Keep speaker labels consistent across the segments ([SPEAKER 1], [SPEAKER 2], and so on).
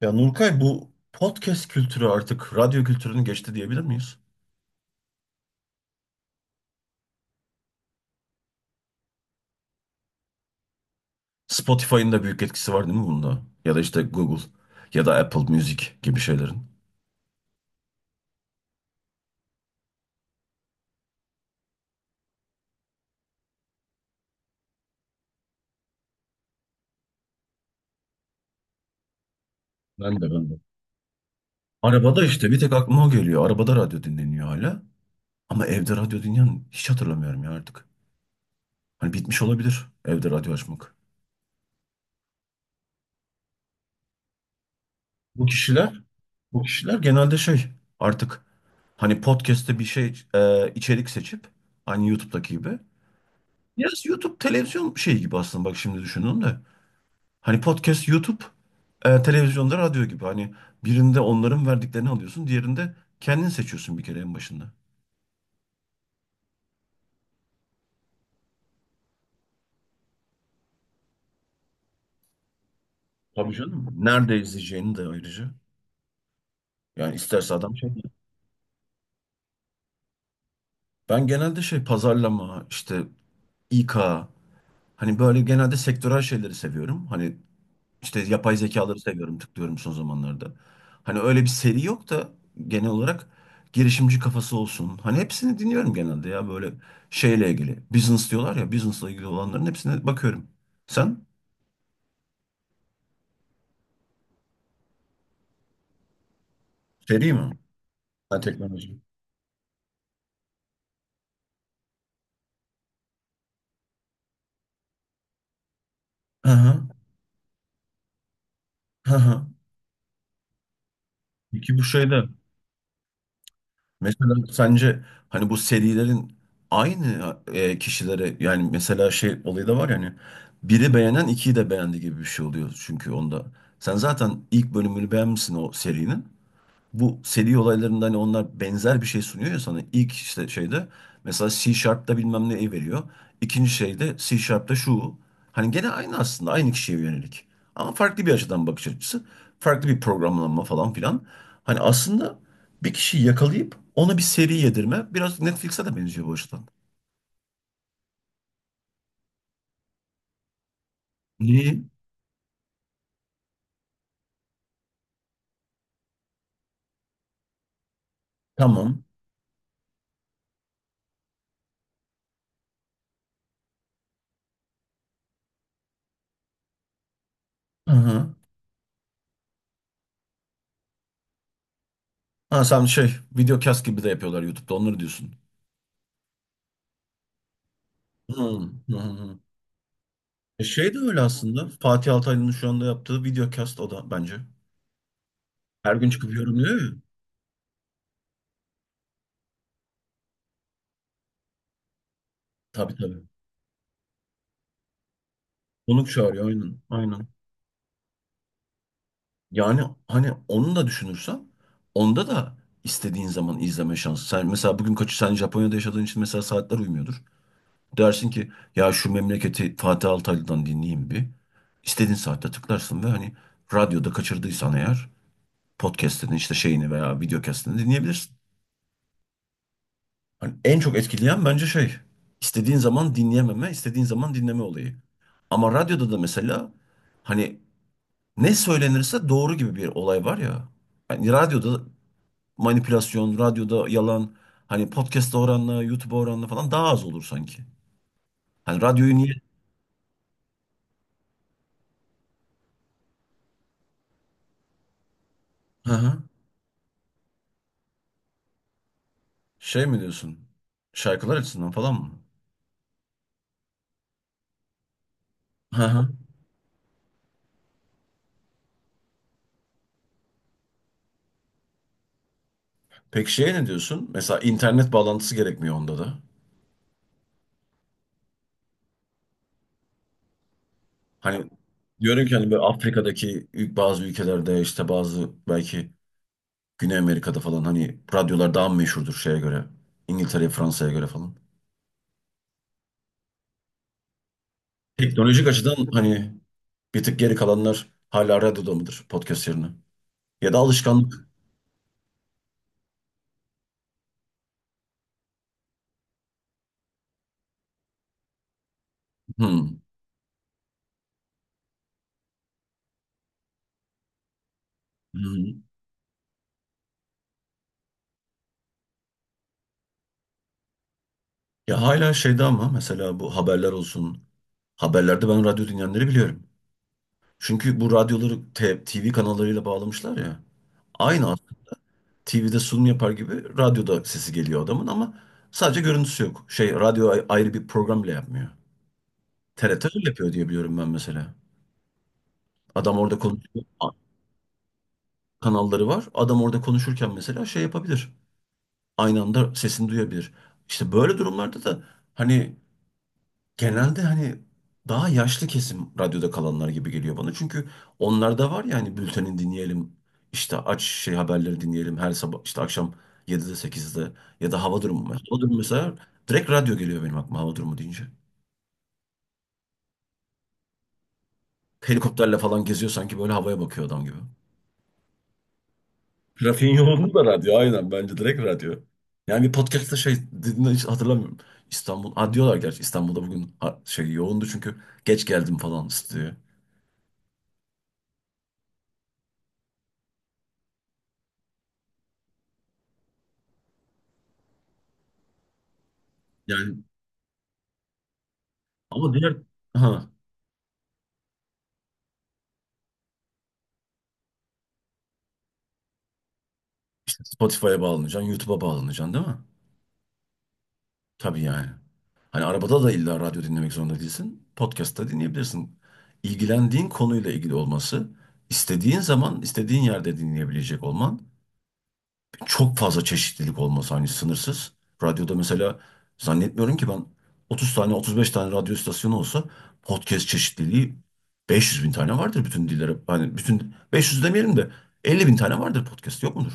[SPEAKER 1] Ya Nurkay bu podcast kültürü artık radyo kültürünü geçti diyebilir miyiz? Spotify'ın da büyük etkisi var değil mi bunda? Ya da işte Google ya da Apple Music gibi şeylerin. Ben de ben de. Arabada işte bir tek aklıma o geliyor. Arabada radyo dinleniyor hala. Ama evde radyo dinleyen hiç hatırlamıyorum ya artık. Hani bitmiş olabilir evde radyo açmak. Bu kişiler, bu kişiler genelde şey artık hani podcast'te bir şey içerik seçip aynı YouTube'daki gibi. Biraz YouTube televizyon şeyi gibi aslında bak şimdi düşündüm de. Hani podcast, YouTube, televizyonda radyo gibi. Hani birinde onların verdiklerini alıyorsun, diğerinde kendin seçiyorsun bir kere en başında. Tabii canım. Nerede izleyeceğini de ayrıca. Yani isterse adam şey. Ben genelde şey pazarlama, işte İK, hani böyle genelde sektörel şeyleri seviyorum. Hani İşte yapay zekaları seviyorum, tıklıyorum son zamanlarda. Hani öyle bir seri yok da genel olarak girişimci kafası olsun. Hani hepsini dinliyorum genelde ya böyle şeyle ilgili. Business diyorlar ya, business'la ilgili olanların hepsine bakıyorum. Sen? Seri mi? Ben teknoloji. Hı hı. Hı hı. Peki bu şeyde mesela sence hani bu serilerin aynı kişilere yani mesela şey olayı da var yani biri beğenen ikiyi de beğendi gibi bir şey oluyor çünkü onda. Sen zaten ilk bölümünü beğenmişsin o serinin bu seri olaylarında hani onlar benzer bir şey sunuyor ya sana. İlk işte şeyde mesela C Sharp'ta bilmem ne veriyor. İkinci şeyde C Sharp'ta şu. Hani gene aynı aslında aynı kişiye yönelik. Ama farklı bir açıdan bakış açısı. Farklı bir programlama falan filan. Hani aslında bir kişiyi yakalayıp ona bir seri yedirme biraz Netflix'e de benziyor bu açıdan. Niye? Tamam. Hı hı. Ha sen şey videocast gibi de yapıyorlar YouTube'da onları diyorsun. Hı hı. Hı. Şey de öyle aslında. Fatih Altaylı'nın şu anda yaptığı videocast o da bence. Her gün çıkıp yorumluyor ya. Tabii tabii. Konuk çağırıyor aynen. Aynen. Yani hani onu da düşünürsen onda da istediğin zaman izleme şansı. Sen mesela bugün kaçı sen Japonya'da yaşadığın için mesela saatler uymuyordur. Dersin ki ya şu memleketi Fatih Altaylı'dan dinleyeyim bir. İstediğin saatte tıklarsın ve hani radyoda kaçırdıysan eğer podcast'ini işte şeyini veya videocast'ini dinleyebilirsin. Hani en çok etkileyen bence şey, istediğin zaman dinleyememe, istediğin zaman dinleme olayı. Ama radyoda da mesela hani ne söylenirse doğru gibi bir olay var ya. Hani radyoda manipülasyon, radyoda yalan, hani podcast'a oranla, YouTube'a oranla falan daha az olur sanki. Hani radyoyu niye? Hı hı. Şey mi diyorsun? Şarkılar açısından falan mı? Hı hı. Peki şeye ne diyorsun? Mesela internet bağlantısı gerekmiyor onda da. Hani diyorum ki hani böyle Afrika'daki bazı ülkelerde işte bazı belki Güney Amerika'da falan hani radyolar daha mı meşhurdur şeye göre. İngiltere'ye, Fransa'ya göre falan. Teknolojik açıdan hani bir tık geri kalanlar hala radyoda mıdır podcast yerine? Ya da alışkanlık. Hmm. Hmm. Ya hala şeyde ama mesela bu haberler olsun. Haberlerde ben radyo dinleyenleri biliyorum. Çünkü bu radyoları TV kanallarıyla bağlamışlar ya. Aynı TV'de sunum yapar gibi radyoda sesi geliyor adamın ama sadece görüntüsü yok. Şey radyo ayrı bir program bile yapmıyor. TRT öyle yapıyor diye biliyorum ben mesela. Adam orada konuşuyor. Kanalları var. Adam orada konuşurken mesela şey yapabilir. Aynı anda sesini duyabilir. İşte böyle durumlarda da hani genelde hani daha yaşlı kesim radyoda kalanlar gibi geliyor bana. Çünkü onlarda var ya hani bülteni dinleyelim, işte aç şey haberleri dinleyelim her sabah işte akşam 7'de 8'de ya da hava durumu mesela. Hava durumu mesela direkt radyo geliyor benim aklıma hava durumu deyince. Helikopterle falan geziyor sanki böyle havaya bakıyor adam gibi. Trafiğin yoğunluğu da radyo aynen bence direkt radyo. Yani bir podcast'ta şey dediğini hiç hatırlamıyorum. İstanbul, ha diyorlar gerçi İstanbul'da bugün şey yoğundu çünkü geç geldim falan diyor. Yani ama diğer ha. Spotify'a bağlanacaksın, YouTube'a bağlanacaksın değil mi? Tabii yani. Hani arabada da illa radyo dinlemek zorunda değilsin. Podcast'ta dinleyebilirsin. İlgilendiğin konuyla ilgili olması, istediğin zaman, istediğin yerde dinleyebilecek olman, çok fazla çeşitlilik olması hani sınırsız. Radyoda mesela zannetmiyorum ki ben 30 tane, 35 tane radyo istasyonu olsa podcast çeşitliliği 500 bin tane vardır bütün dillere. Hani bütün 500 demeyelim de 50 bin tane vardır podcast yok mudur?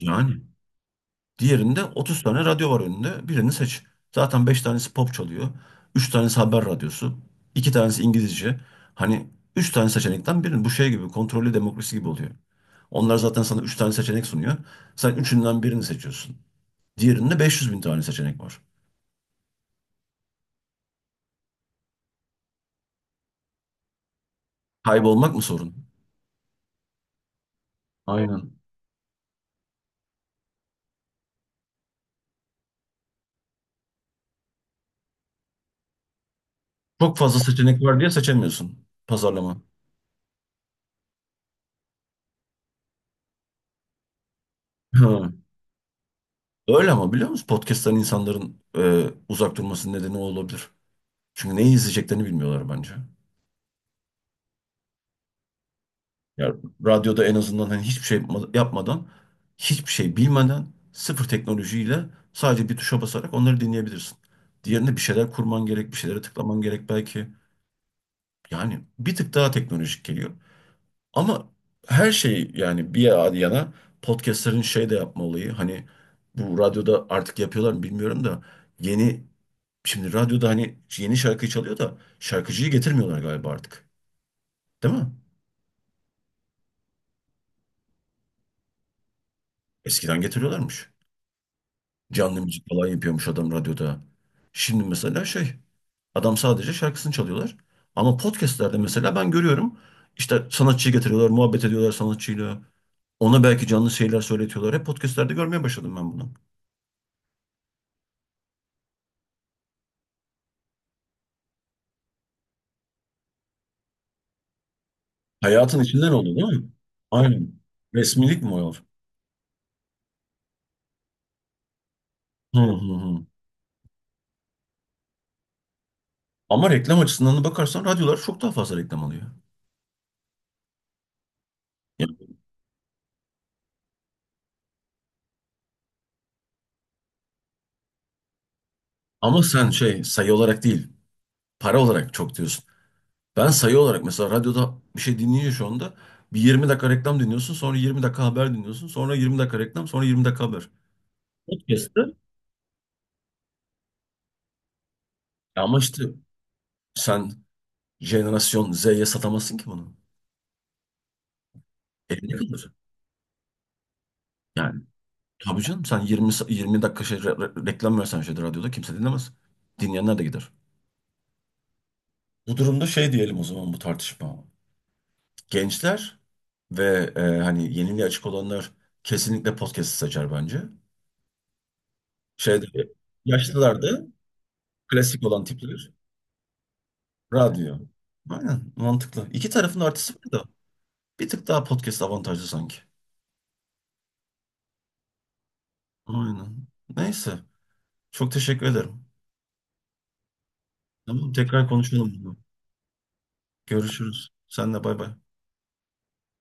[SPEAKER 1] Yani. Diğerinde 30 tane radyo var önünde. Birini seç. Zaten 5 tanesi pop çalıyor. Üç tanesi haber radyosu. İki tanesi İngilizce. Hani 3 tane seçenekten birini. Bu şey gibi kontrollü demokrasi gibi oluyor. Onlar zaten sana 3 tane seçenek sunuyor. Sen üçünden birini seçiyorsun. Diğerinde 500 bin tane seçenek var. Kaybolmak mı sorun? Aynen. Çok fazla seçenek var diye seçemiyorsun pazarlama. Ha. Öyle ama biliyor musun? Podcast'tan insanların uzak durmasının nedeni o olabilir. Çünkü neyi izleyeceklerini bilmiyorlar bence. Ya radyoda en azından hani hiçbir şey yapmadan, hiçbir şey bilmeden, sıfır teknolojiyle sadece bir tuşa basarak onları dinleyebilirsin. Diğerinde bir şeyler kurman gerek, bir şeylere tıklaman gerek belki. Yani bir tık daha teknolojik geliyor. Ama her şey yani bir yana podcastlerin şey de yapma olayı hani bu radyoda artık yapıyorlar mı bilmiyorum da yeni şimdi radyoda hani yeni şarkıyı çalıyor da şarkıcıyı getirmiyorlar galiba artık. Değil mi? Eskiden getiriyorlarmış. Canlı müzik falan yapıyormuş adam radyoda. Şimdi mesela şey, adam sadece şarkısını çalıyorlar. Ama podcastlerde mesela ben görüyorum. İşte sanatçıyı getiriyorlar, muhabbet ediyorlar sanatçıyla. Ona belki canlı şeyler söyletiyorlar. Hep podcastlerde görmeye başladım ben bunu. Hayatın içinden oldu değil mi? Aynen. Resmilik mi o? Hı hı hı. Ama reklam açısından da bakarsan radyolar çok daha fazla reklam alıyor. Ya, ama sen şey sayı olarak değil, para olarak çok diyorsun. Ben sayı olarak mesela radyoda bir şey dinleyince şu anda bir 20 dakika reklam dinliyorsun, sonra 20 dakika haber dinliyorsun, sonra 20 dakika reklam, sonra 20 dakika haber. Podcast'ı. Ya ama işte sen jenerasyon Z'ye satamazsın ki bunu. Elinde kalır. Yani tabii canım sen 20, 20 dakika şey, reklam versen şeyde radyoda kimse dinlemez. Dinleyenler de gider. Bu durumda şey diyelim o zaman bu tartışma. Gençler ve hani yeniliğe açık olanlar kesinlikle podcast'ı seçer bence. Şeyde yaşlılar da klasik olan tipler. Radyo. Aynen mantıklı. İki tarafın artısı var da bir tık daha podcast avantajlı sanki. Aynen. Neyse. Çok teşekkür ederim. Tamam, tekrar konuşalım bunu. Görüşürüz. Senle bay bay.